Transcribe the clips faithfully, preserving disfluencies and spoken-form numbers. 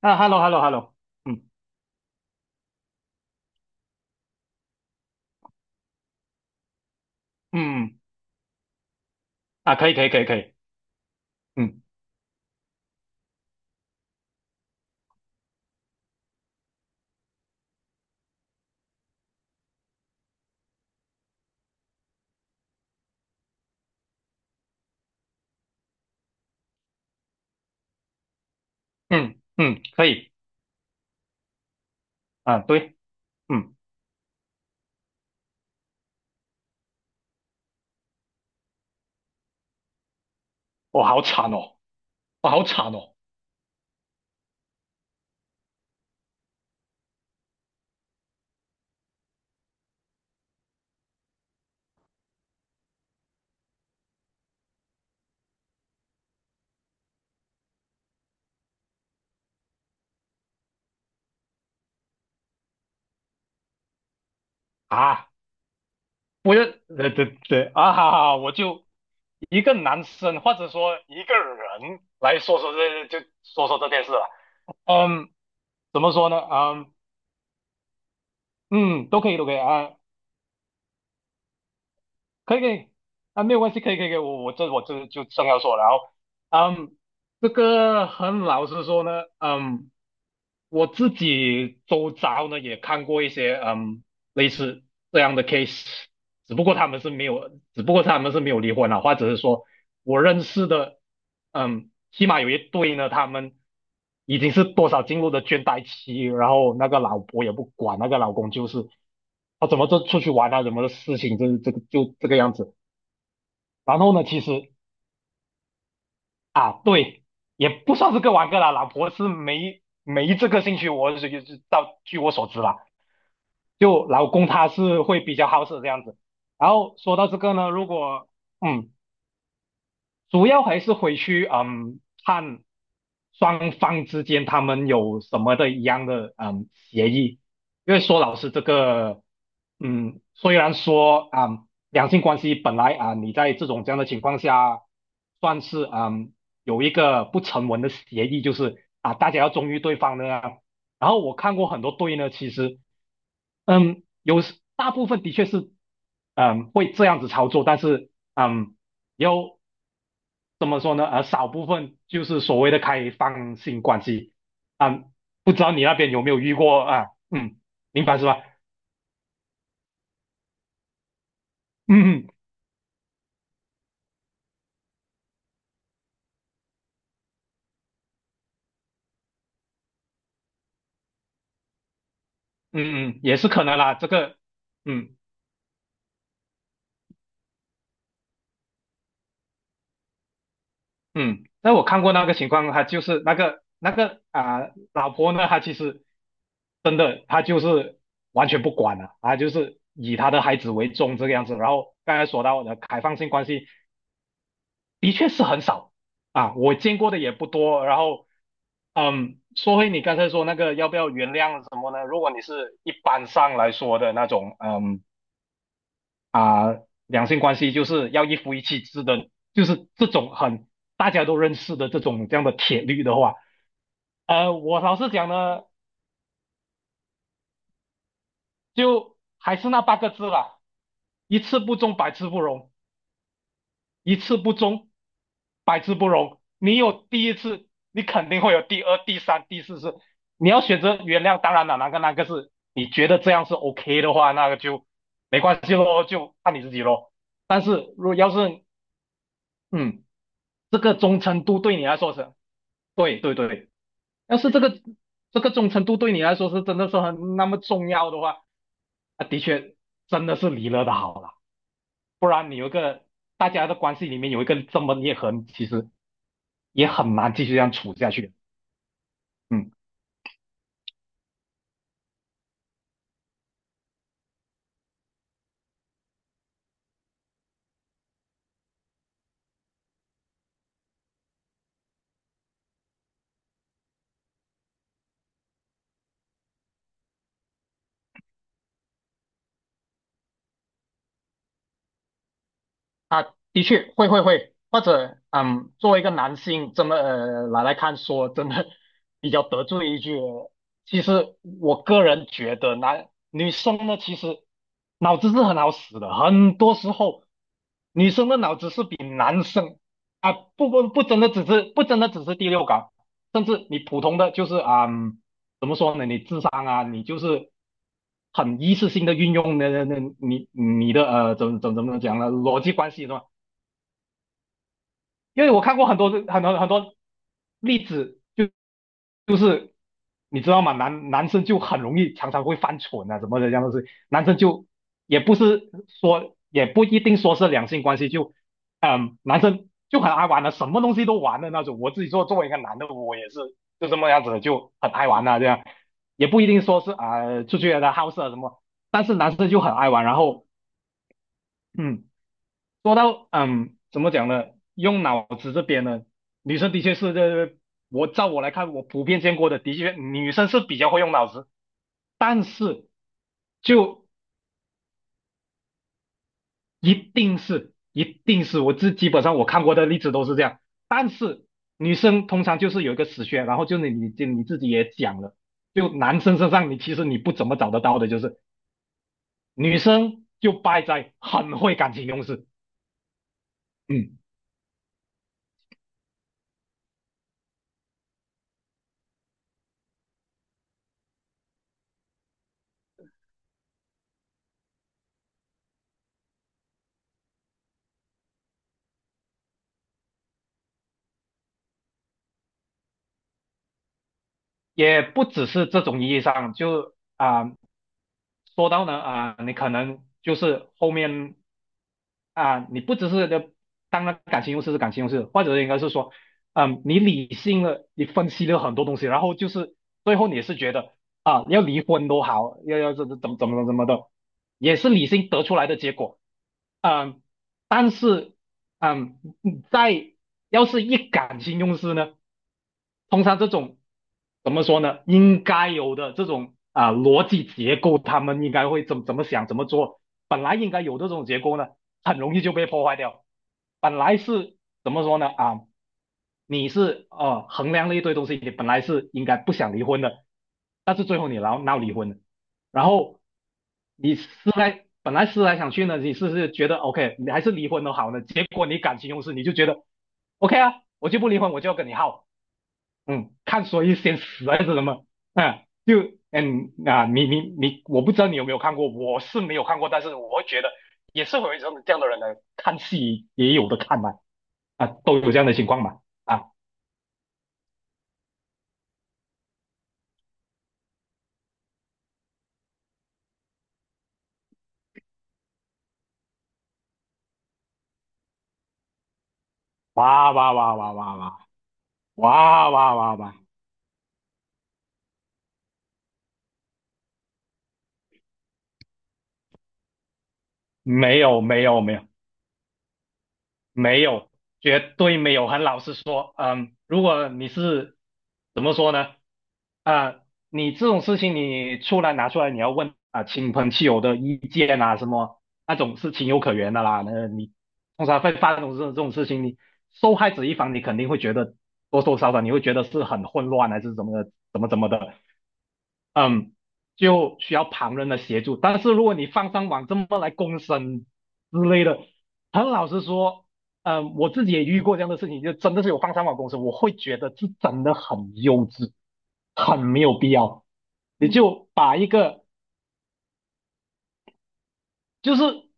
啊，hello，hello，hello，嗯嗯嗯，啊，可以，可以，可以，可以，嗯嗯嗯，可以，啊，对，嗯，我好惨哦，我好惨哦，啊，我要，对对对，啊，哈哈，我就一个男生或者说一个人来说说这，就说说这件事了，嗯，怎么说呢，嗯嗯，都可以，都可以啊，可以，可以，啊，没有关系，可以，可以，可以，我我这我这就正要说了，然后，嗯，这个很老实说呢，嗯。我自己周遭呢也看过一些嗯类似这样的 case，只不过他们是没有，只不过他们是没有离婚啊，或者是说我认识的，嗯，起码有一对呢，他们已经是多少进入的倦怠期，然后那个老婆也不管，那个老公就是他怎么就出去玩啊，怎么的事情就是这个就这个样子。然后呢，其实啊，对。也不算是各玩各啦，老婆是没没这个兴趣，我是是到据我所知啦。就老公他是会比较好色这样子。然后说到这个呢，如果嗯，主要还是回去嗯看双方之间他们有什么的一样的嗯协议，因为说老师这个嗯，虽然说啊、嗯两性关系本来啊、你在这种这样的情况下算是嗯有一个不成文的协议，就是啊大家要忠于对方的啊。然后我看过很多对呢，其实嗯，有时大部分的确是，嗯，会这样子操作，但是，嗯，有怎么说呢？呃，少部分就是所谓的开放性关系，嗯，不知道你那边有没有遇过啊？嗯，明白是吧？嗯嗯嗯嗯，也是可能啦，这个，嗯。嗯，那我看过那个情况，他就是那个那个啊、老婆呢，她其实真的，她就是完全不管了，她就是以她的孩子为重这个样子。然后刚才说到的开放性关系，的确是很少啊，我见过的也不多。然后，嗯，说回你刚才说那个要不要原谅什么呢？如果你是一般上来说的那种，嗯。啊、两性关系就是要一夫一妻制的，就是这种很大家都认识的这种这样的铁律的话，呃，我老实讲呢，就还是那八个字啦，一次不忠，百次不容；一次不忠，百次不容。你有第一次，你肯定会有第二、第三、第四次。你要选择原谅，当然了，哪个哪个是你觉得这样是 OK 的话，那个就没关系咯，就看你自己咯。但是如果要是嗯。这个忠诚度对你来说是，对对对，要是这个这个忠诚度对你来说是真的是很那么重要的话，啊，的确真的是离了的好了。大家的关系里面有一个这么裂痕，其实也很难继续这样处下去。嗯，啊，的确会会会，或者嗯，作为一个男性这么呃来来看说，真的比较得罪一句哦。其实我个人觉得男女生呢，其实脑子是很好使的，很多时候女生的脑子是比男生啊，不不不，真的只是不真的只是第六感，甚至你普通的就是啊、嗯怎么说呢？你智商啊，你就是很一次性的运用那那那你你的呃怎怎怎么讲呢？逻辑关系是吧？因为我看过很多很多很多例子，就你知道吗？男男生就很容易常常会犯蠢啊，什么的这样东西。男生就也不是说也不一定说是两性关系，就嗯，男生就很爱玩的，什么东西都玩的那种。我自己做作为一个男的，我也是就这么样子的，就很爱玩啊，这样也不一定说是啊、呃出去的好色啊什么，但是男生就很爱玩。然后嗯，说到嗯怎么讲呢？用脑子这边呢，女生的确是这。我照我来看，我普遍见过的，的确女生是比较会用脑子，但是就一定是一定是我这基本上我看过的例子都是这样，但是女生通常就是有一个死穴，然后就是你你就你自己也讲了，就男生身上你其实你不怎么找得到的，就是女生就败在很会感情用事，嗯，也不只是这种意义上，就啊、呃说到呢啊、你可能就是后面啊、你不只是当然感情用事是感情用事，或者应该是说，嗯，你理性了，你分析了很多东西，然后就是最后你是觉得啊、要离婚都好，要要怎怎怎么怎么怎么的，也是理性得出来的结果，嗯，但是嗯，在要是一感情用事呢？通常这种怎么说呢？应该有的这种啊、逻辑结构，他们应该会怎怎么想、怎么做？本来应该有的这种结构呢，很容易就被破坏掉。本来是怎么说呢？啊，你是呃衡量了一堆东西，你本来是应该不想离婚的，但是最后你闹闹离婚了，然后你思来本来思来想去呢，你是是觉得 OK，你还是离婚都好呢，结果你感情用事，你就觉得 OK 啊，我就不离婚，我就要跟你耗。嗯，看说一些死还是什么？嗯，就嗯啊，你你你，我不知道你有没有看过，我是没有看过，但是我觉得也是会有这种这样的人来看戏也有的看嘛，啊，都有这样的情况嘛，啊，哇哇哇哇哇哇哇哇哇哇，没有没有没有，没有，绝对没有。很老实说，嗯，如果你是怎么说呢？啊、你这种事情你出来拿出来，你要问啊、亲朋戚友的意见啊，什么那种是情有可原的啦。那你通常会发生这种这种事情，你受害者一方你肯定会觉得多多少少你会觉得是很混乱啊还是怎么的，怎么怎么的。嗯，就需要旁人的协助。但是如果你放上网这么来公审之类的，很老实说，嗯，我自己也遇过这样的事情，就真的是有放上网公审，我会觉得是真的很幼稚，很没有必要。你嗯就把一个，就是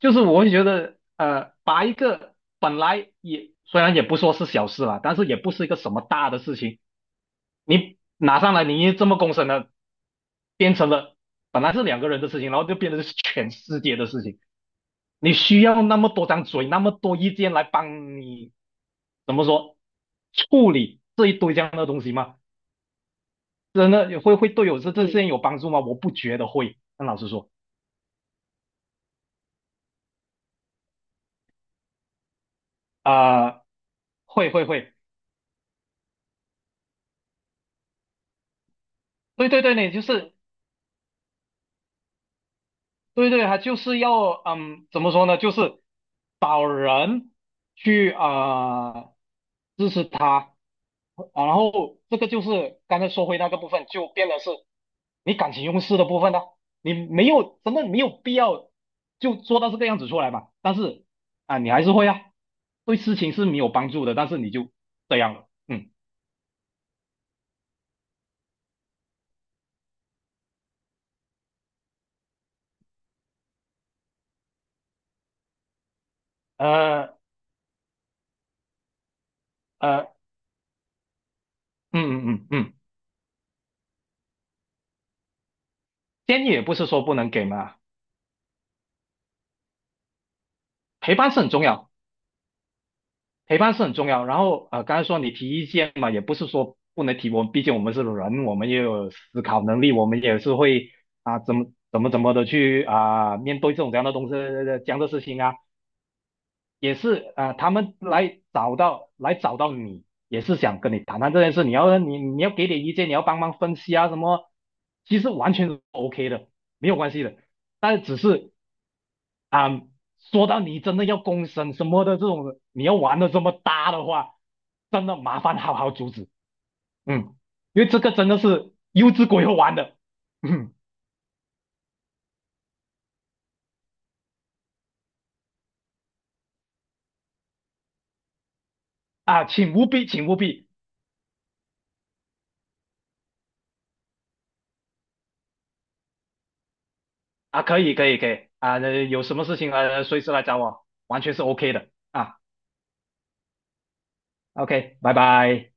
就是，我会觉得，呃，把一个本来也虽然也不说是小事啦，但是也不是一个什么大的事情。你拿上来，你这么公审了，变成了本来是两个人的事情，然后就变成是全世界的事情。你需要那么多张嘴，那么多意见来帮你怎么说处理这一堆这样的东西吗？真的会会对我这这些有帮助吗？我不觉得会。那老师说，啊、呃会会会，对对对，你就是对对，他就是要嗯，怎么说呢？就是找人去啊、呃支持他，啊然后这个就是刚才说回那个部分，就变得是你感情用事的部分呢，你没有真的没有必要就做到这个样子出来嘛。但是啊、你还是会啊，对事情是没有帮助的，但是你就这样了，嗯，呃呃，嗯嗯嗯嗯，建议也不是说不能给嘛，陪伴是很重要。陪伴是很重要。然后呃，刚才说你提意见嘛，也不是说不能提，我们毕竟我们是人，我们也有思考能力，我们也是会啊、怎么怎么怎么的去啊、面对这种这样的东西这样的事情啊，也是啊、他们来找到来找到你，也是想跟你谈谈这件事，你要你你要给点意见，你要帮忙分析啊什么，其实完全 OK 的，没有关系的。但是只是啊、说到你真的要公审什么的这种，你要玩的这么大的话，真的麻烦好好阻止，嗯，因为这个真的是幼稚鬼会玩的，嗯啊，请务必，请务必啊，可以，可以，可以啊，呃有什么事情呃随时来找我，完全是 OK 的啊，OK，拜拜。